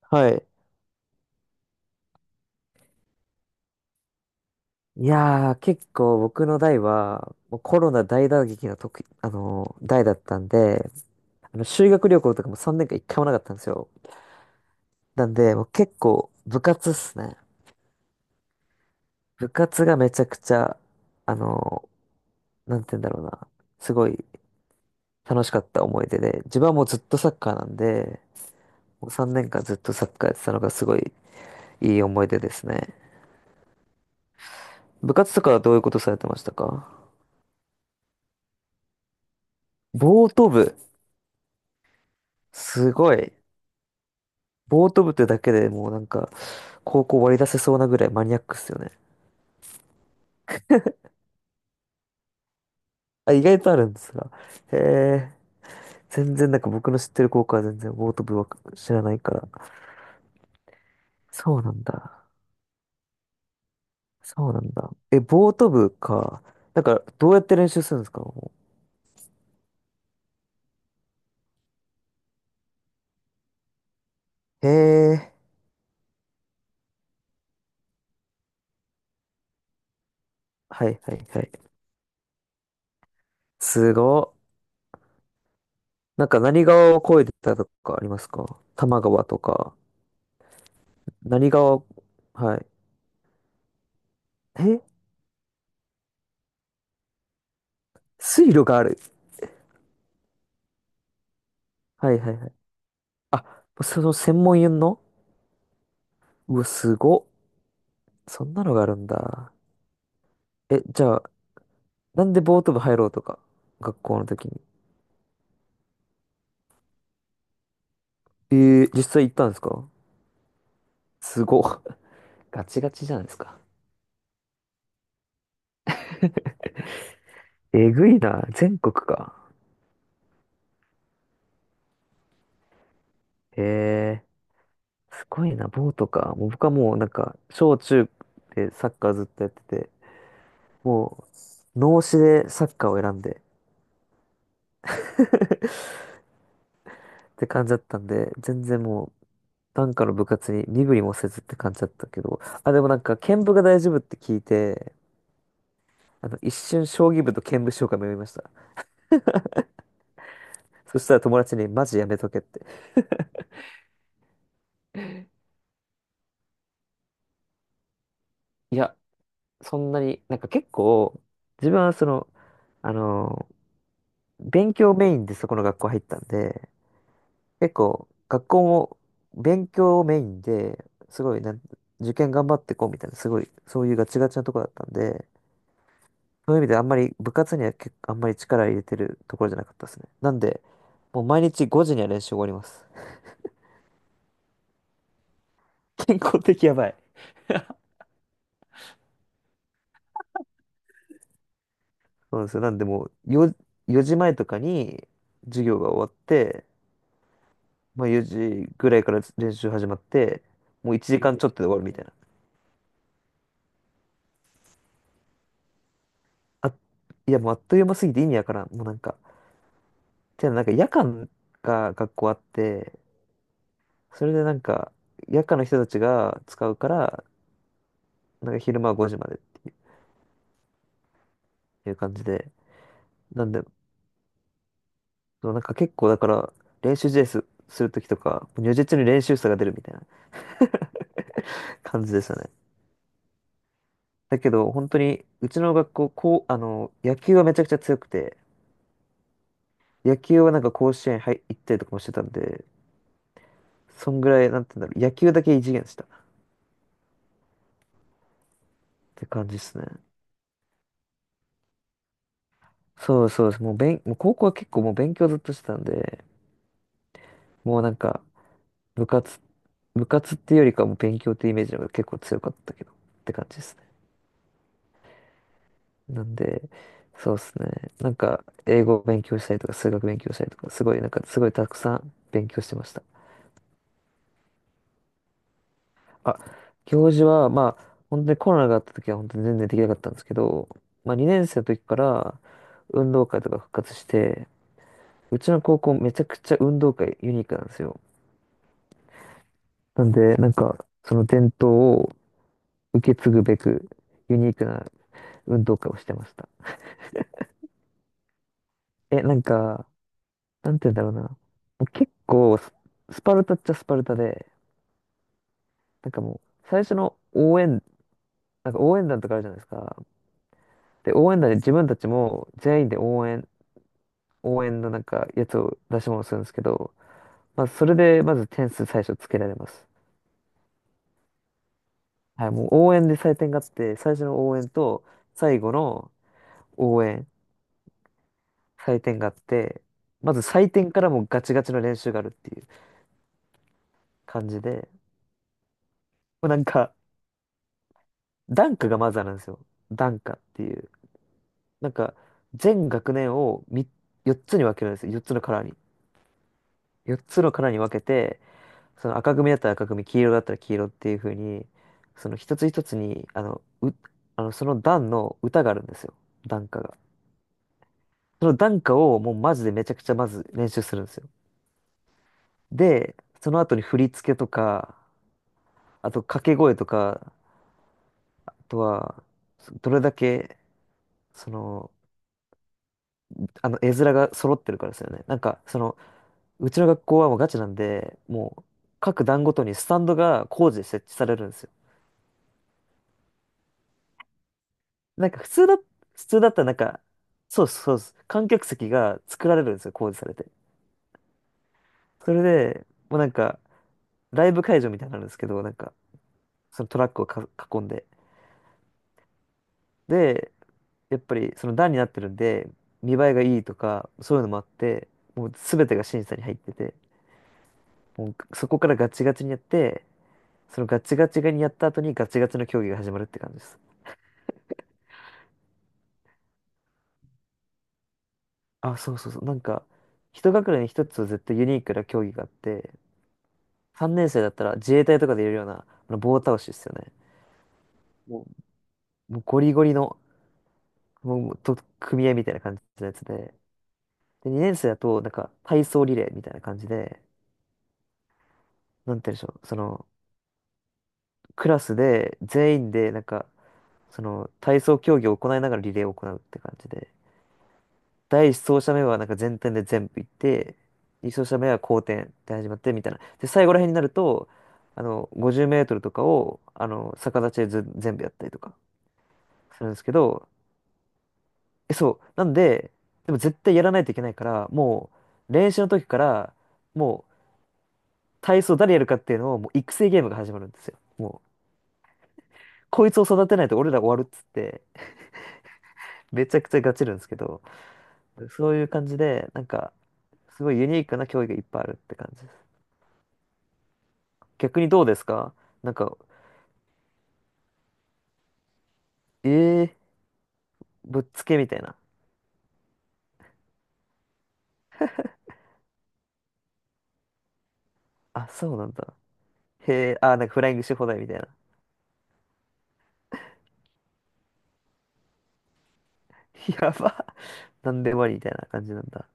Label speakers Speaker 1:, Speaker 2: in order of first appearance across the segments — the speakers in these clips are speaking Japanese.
Speaker 1: はい。いやー、結構僕の代は、もうコロナ大打撃の時、代だったんで、あの修学旅行とかも3年間一回もなかったんですよ。なんで、もう結構部活っすね。部活がめちゃくちゃ、あのなんて言うんだろうな。すごい楽しかった思い出で、自分はもうずっとサッカーなんで、もう3年間ずっとサッカーやってたのがすごいいい思い出ですね。部活とかはどういうことされてましたか？ボート部。すごい。ボート部ってだけでもうなんか、高校割り出せそうなぐらいマニアックっすよね。あ、意外とあるんですが。へえ、全然なんか僕の知ってる高校は全然ボート部は知らないから。そうなんだ。そうなんだ。え、ボート部か。なんか、どうやって練習するんですか？もうへえ、はいはいはい。すごっ。なんか何川を越えてたとかありますか？多摩川とか。何川、はい。え、水路がある。はいはいはい。あ、その専門用の。うわ、すごっ。そんなのがあるんだ。え、じゃあ、なんでボート部入ろうとか、学校の時に。え実際行ったんですか？すごっ。ガチガチじゃないですか。えぐいな。全国か。へえ、すごいな。ボートか。もう僕はもうなんか、小中でサッカーずっとやってて、もう、脳死でサッカーを選んで って感じだったんで、全然もう、なんかの部活に身振りもせずって感じだったけど、あ、でもなんか、剣舞が大丈夫って聞いて、あの、一瞬将棋部と剣舞将が迷いました。そしたら友達にマジやめとけって。いや、そんなに、なんか結構、自分はその、あの、勉強メインでそこの学校入ったんで、結構、学校も勉強メインで、すごいなん、受験頑張ってこうみたいな、すごい、そういうガチガチなとこだったんで、そういう意味であんまり部活には結構あんまり力入れてるところじゃなかったですね。なんで、もう毎日5時には練習終わります。健康的やばい。そうなんですよ。なんでもう4時前とかに授業が終わって、まあ4時ぐらいから練習始まって、もう1時間ちょっとで終わるみたいな。あ、いやもうあっという間すぎて意味わからん。もうなんか、てかなんか夜間が学校あって、それでなんか夜間の人たちが使うから、なんか昼間は5時までっていう感じで。なんで、そうなんか結構だから練習試合するときとか、もう如実に練習差が出るみたいな 感じでしたね。だけど、本当に、うちの学校、こう、あの、野球はめちゃくちゃ強くて、野球はなんか甲子園入行ったりとかもしてたんで、そんぐらい、なんて言うんだろう、野球だけ異次元でしたって感じですね。そうそうです。もう、もう高校は結構もう勉強ずっとしてたんで、もうなんか、部活、部活っていうよりかはもう勉強っていうイメージの方が結構強かったけど、って感じですね。なんで、そうですね。なんか、英語を勉強したりとか、数学勉強したりとか、すごい、なんか、すごいたくさん勉強してました。あ、行事は、まあ、本当にコロナがあった時は本当に全然できなかったんですけど、まあ2年生の時から運動会とか復活して、うちの高校めちゃくちゃ運動会ユニークなんですよ。なんで、なんか、その伝統を受け継ぐべく、ユニークな運動会をしてました。え、なんか、なんて言うんだろうな。結構スパルタっちゃスパルタで、なんかもう、最初の応援、なんか応援団とかあるじゃないですか。で、応援団で自分たちも全員で応援のなんかやつを出し物するんですけど、まあ、それでまず点数最初つけられます。はい、もう応援で採点があって、最初の応援と最後の応援、採点があって、まず採点からもうガチガチの練習があるっていう感じで、もうなんか、ダンカがまずあるんですよ。ダンカっていう。なんか、全学年を4つに分けるんですよ。4つのカラーに。4つのカラーに分けて、その赤組だったら赤組、黄色だったら黄色っていう風に、その一つ一つに、あの、う、あの、その段の歌があるんですよ。段歌が。その段歌をもうマジでめちゃくちゃまず練習するんですよ。で、その後に振り付けとか、あと掛け声とか、あとは、どれだけ、その、あの、絵面が揃ってるからですよね。なんか、その、うちの学校はもうガチなんで、もう、各段ごとにスタンドが工事で設置されるんですよ。なんか普通だったらなんか、そうですそうです。観客席が作られるんですよ、工事されて。それで、もうなんか、ライブ会場みたいになるんですけど、なんか、そのトラックを囲んで。で、やっぱりその段になってるんで、見栄えがいいとか、そういうのもあって、もう全てが審査に入ってて、もうそこからガチガチにやって、そのガチガチにやった後にガチガチの競技が始まるって感じです。あ、そうそうそう。なんか、一学年に一つ絶対ユニークな競技があって、3年生だったら自衛隊とかでいるような、あの棒倒しですよね。もう、もうゴリゴリの、もう、組合みたいな感じのやつで。で、2年生だと、なんか、体操リレーみたいな感じで、なんて言うんでしょう、その、クラスで、全員で、なんか、その、体操競技を行いながらリレーを行うって感じで。第一走者目は、なんか全体で全部行って、2走者目は後転で始まって、みたいな。で、最後ら辺になると、あの、50メートルとかを、あの、逆立ちでず全部やったりとかするんですけど、そう。なんで、でも絶対やらないといけないから、もう練習の時から、もう体操誰やるかっていうのを、もう育成ゲームが始まるんですよ。もう、こいつを育てないと俺ら終わるっつって、めちゃくちゃガチるんですけど、そういう感じで、なんか、すごいユニークな競技がいっぱいあるって感じです。逆にどうですか？なんか、えー、ぶっつけみたいな。あ、そうなんだ。へえ、あ、なんかフライングし放題みたいな。やば。なんでもありみたいな感じなんだ。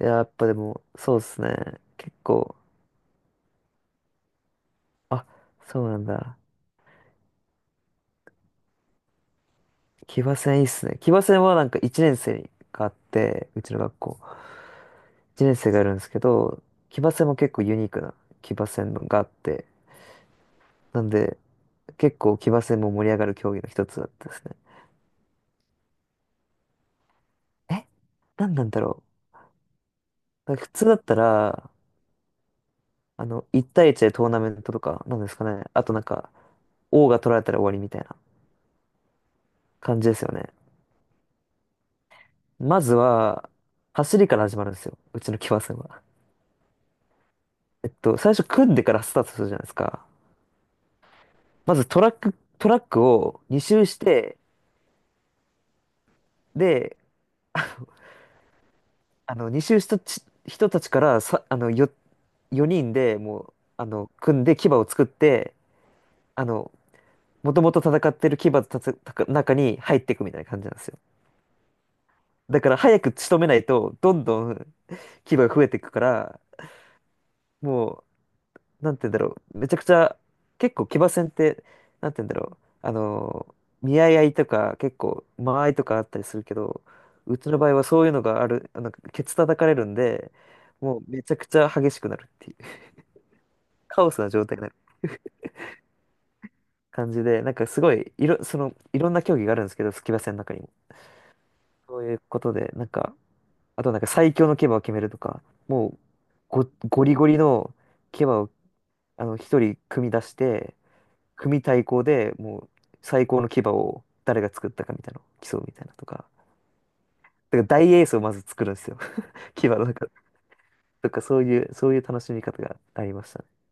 Speaker 1: いや、やっぱでも、そうっすね。結構、あ、そうなんだ。騎馬戦いいっすね。騎馬戦はなんか1年生があって、うちの学校。1年生がいるんですけど、騎馬戦も結構ユニークな騎馬戦があって、なんで結構騎馬戦も盛り上がる競技の一つだったですね。え何なんだろう。なんか普通だったら、あの、1対1でトーナメントとか、なんですかね。あとなんか、王が取られたら終わりみたいな感じですよね。まずは、走りから始まるんですよ。うちの騎馬戦は。最初組んでからスタートするじゃないですか。まずトラックを2周して、で、あの、2周した人たちからさ、あの、4人でもう、あの、組んで牙を作って、あの、もともと戦ってる牙のたつた中に入っていくみたいな感じなんですよ。だから早く仕留めないと、どんどん牙が増えていくから、もなんて言うんだろう、めちゃくちゃ、結構騎馬戦って、なんて言うんだろう、あの見合い合いとか、結構、間合いとかあったりするけど、うちの場合はそういうのがある、あの、ケツ叩かれるんで、もうめちゃくちゃ激しくなるっていう、カオスな状態になる感じで、なんかすごい、その、いろんな競技があるんですけど、騎馬戦の中にも。そういうことで、なんか、あとなんか最強の騎馬を決めるとか、もう、ゴリゴリの騎馬を、あの、一人組み出して、組対抗でもう最高の牙を誰が作ったかみたいなのを競うみたいなとか、だから大エースをまず作るんですよ。牙の中、とかそういう、そういう楽しみ方がありましたね。